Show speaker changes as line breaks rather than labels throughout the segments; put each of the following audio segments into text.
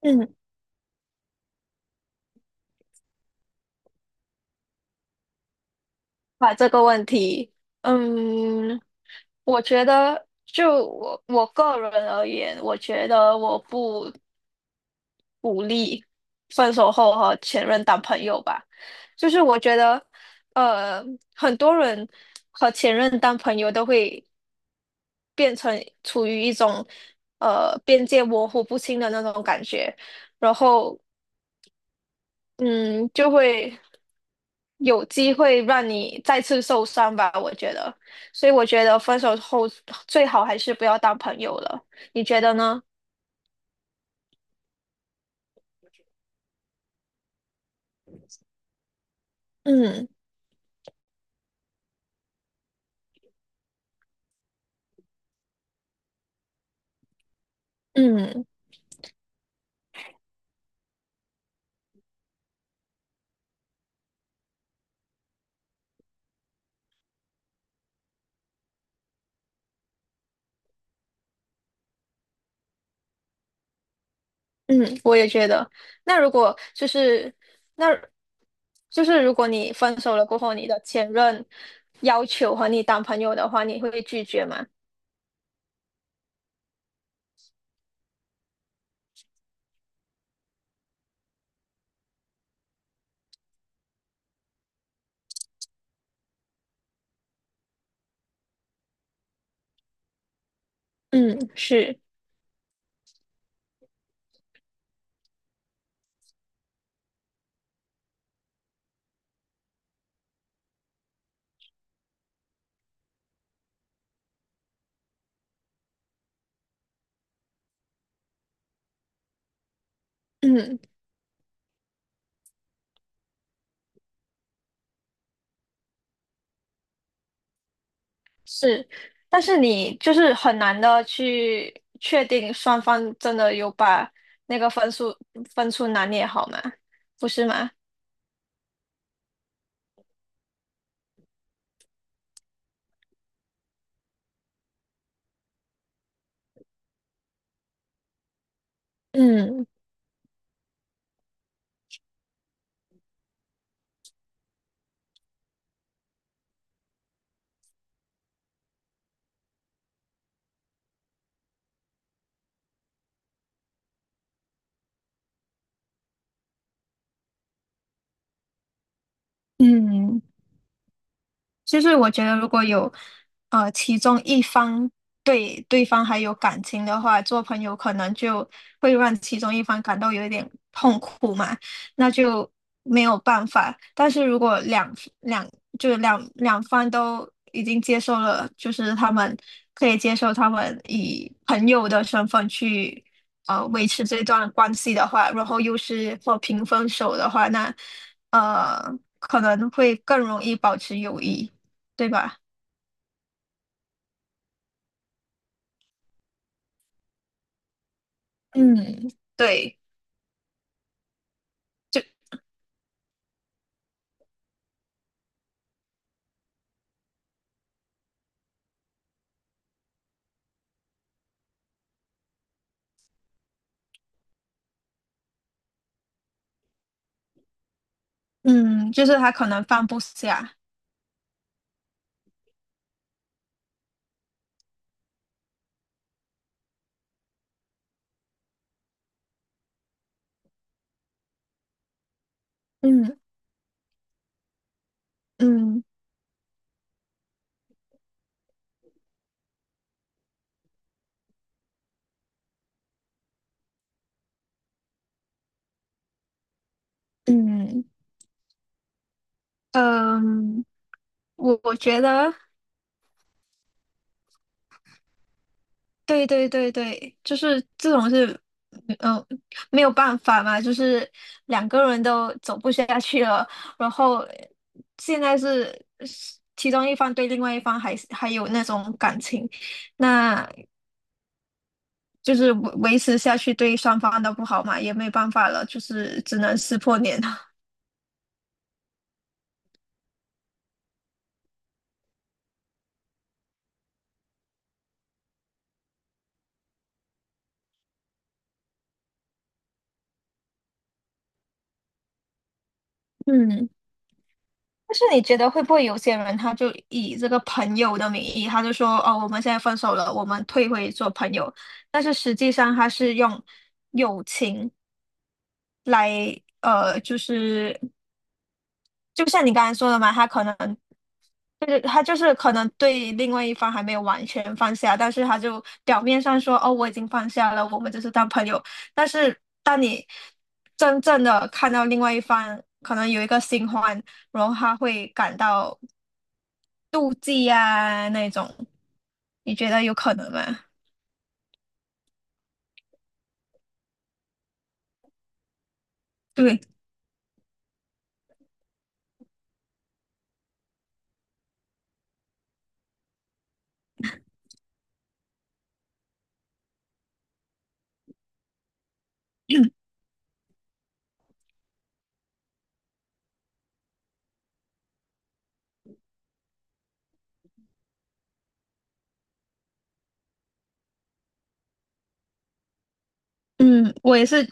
嗯，把这个问题，嗯，我觉得就我个人而言，我觉得我不鼓励分手后和前任当朋友吧。就是我觉得，呃，很多人和前任当朋友都会变成处于一种边界模糊不清的那种感觉，然后嗯，就会有机会让你再次受伤吧，我觉得。所以我觉得分手后最好还是不要当朋友了，你觉得呢？嗯嗯嗯，我也觉得。那如果就是那，就是如果你分手了过后，你的前任要求和你当朋友的话，你会拒绝吗？嗯，是，嗯。是，但是你就是很难的去确定双方真的有把那个分数拿捏好吗？不是吗？嗯嗯，就是我觉得如果有其中一方对对方还有感情的话，做朋友可能就会让其中一方感到有一点痛苦嘛，那就没有办法。但是如果两两就是两两方都已经接受了，就是他们可以接受他们以朋友的身份去维持这段关系的话，然后又是和平分手的话，那呃可能会更容易保持友谊。对吧？嗯对，就嗯，就是他可能放不下。嗯嗯嗯嗯，我我觉得，对对对对，就是这种是，嗯，没有办法嘛，就是两个人都走不下去了，然后现在是其中一方对另外一方还有那种感情，那就是维持下去对双方都不好嘛，也没办法了，就是只能撕破脸了。嗯。但是你觉得会不会有些人他就以这个朋友的名义，他就说哦，我们现在分手了，我们退回做朋友，但是实际上他是用友情来呃，就是就像你刚才说的嘛，他就是可能对另外一方还没有完全放下，但是他就表面上说哦，我已经放下了，我们就是当朋友，但是当你真正的看到另外一方可能有一个新欢。然后他会感到妒忌啊那种，你觉得有可能吗？对，嗯，我也是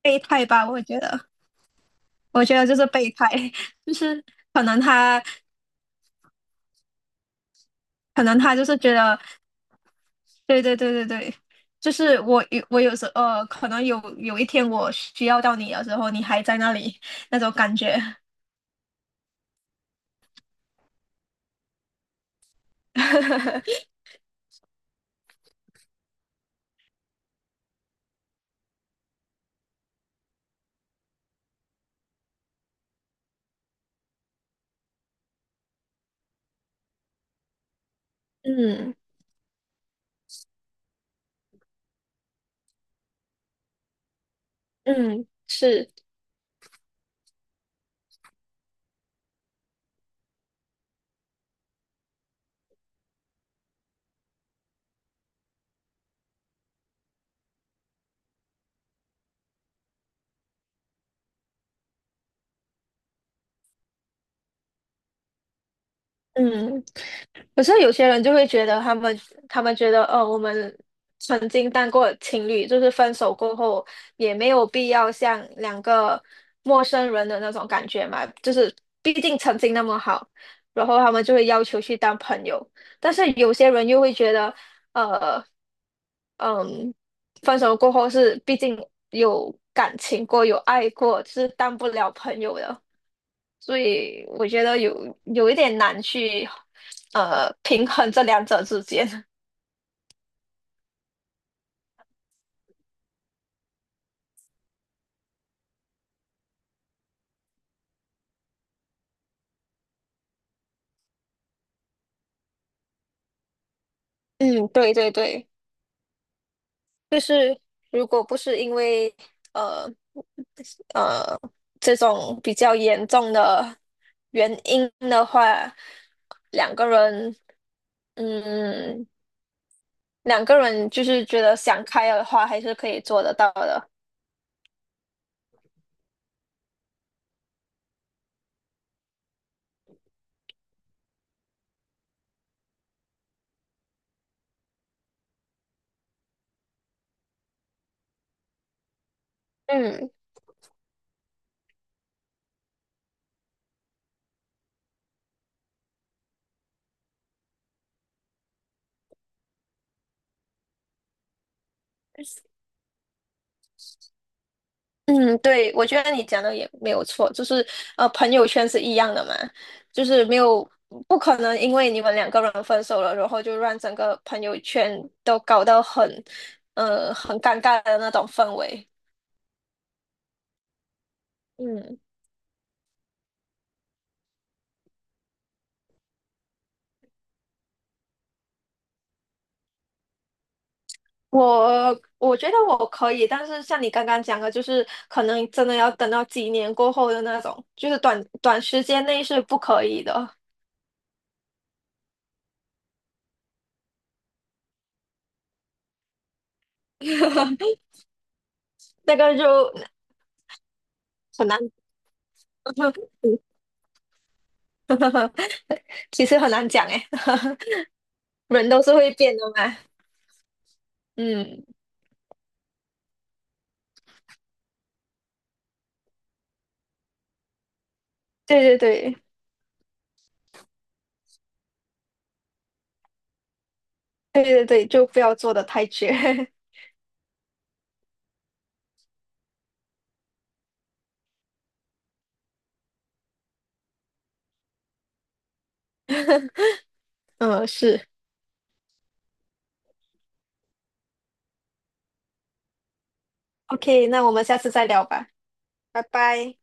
备胎吧，我觉得，我觉得就是备胎，就是可能他，可能他就是觉得，对对对对对，就是我有时可能有一天我需要到你的时候，你还在那里那种感觉，嗯嗯，是，嗯。可是有些人就会觉得他们，他们觉得，呃，我们曾经当过情侣，就是分手过后也没有必要像两个陌生人的那种感觉嘛，就是毕竟曾经那么好，然后他们就会要求去当朋友。但是有些人又会觉得，呃，嗯，分手过后是毕竟有感情过，有爱过，是当不了朋友的。所以我觉得有一点难去平衡这两者之间。嗯，对对对，就是如果不是因为呃呃这种比较严重的原因的话，两个人嗯两个人就是觉得想开的话，还是可以做得到的。嗯。嗯，对，我觉得你讲的也没有错，就是朋友圈是一样的嘛，就是没有不可能因为你们两个人分手了，然后就让整个朋友圈都搞得很很尴尬的那种氛围。嗯，我我觉得我可以，但是像你刚刚讲的，就是可能真的要等到几年过后的那种，就是短短时间内是不可以的，那个就很难，其实很难讲诶。人都是会变的嘛。嗯，对对对对对对，就不要做的太绝。嗯，是。OK,那我们下次再聊吧，拜拜。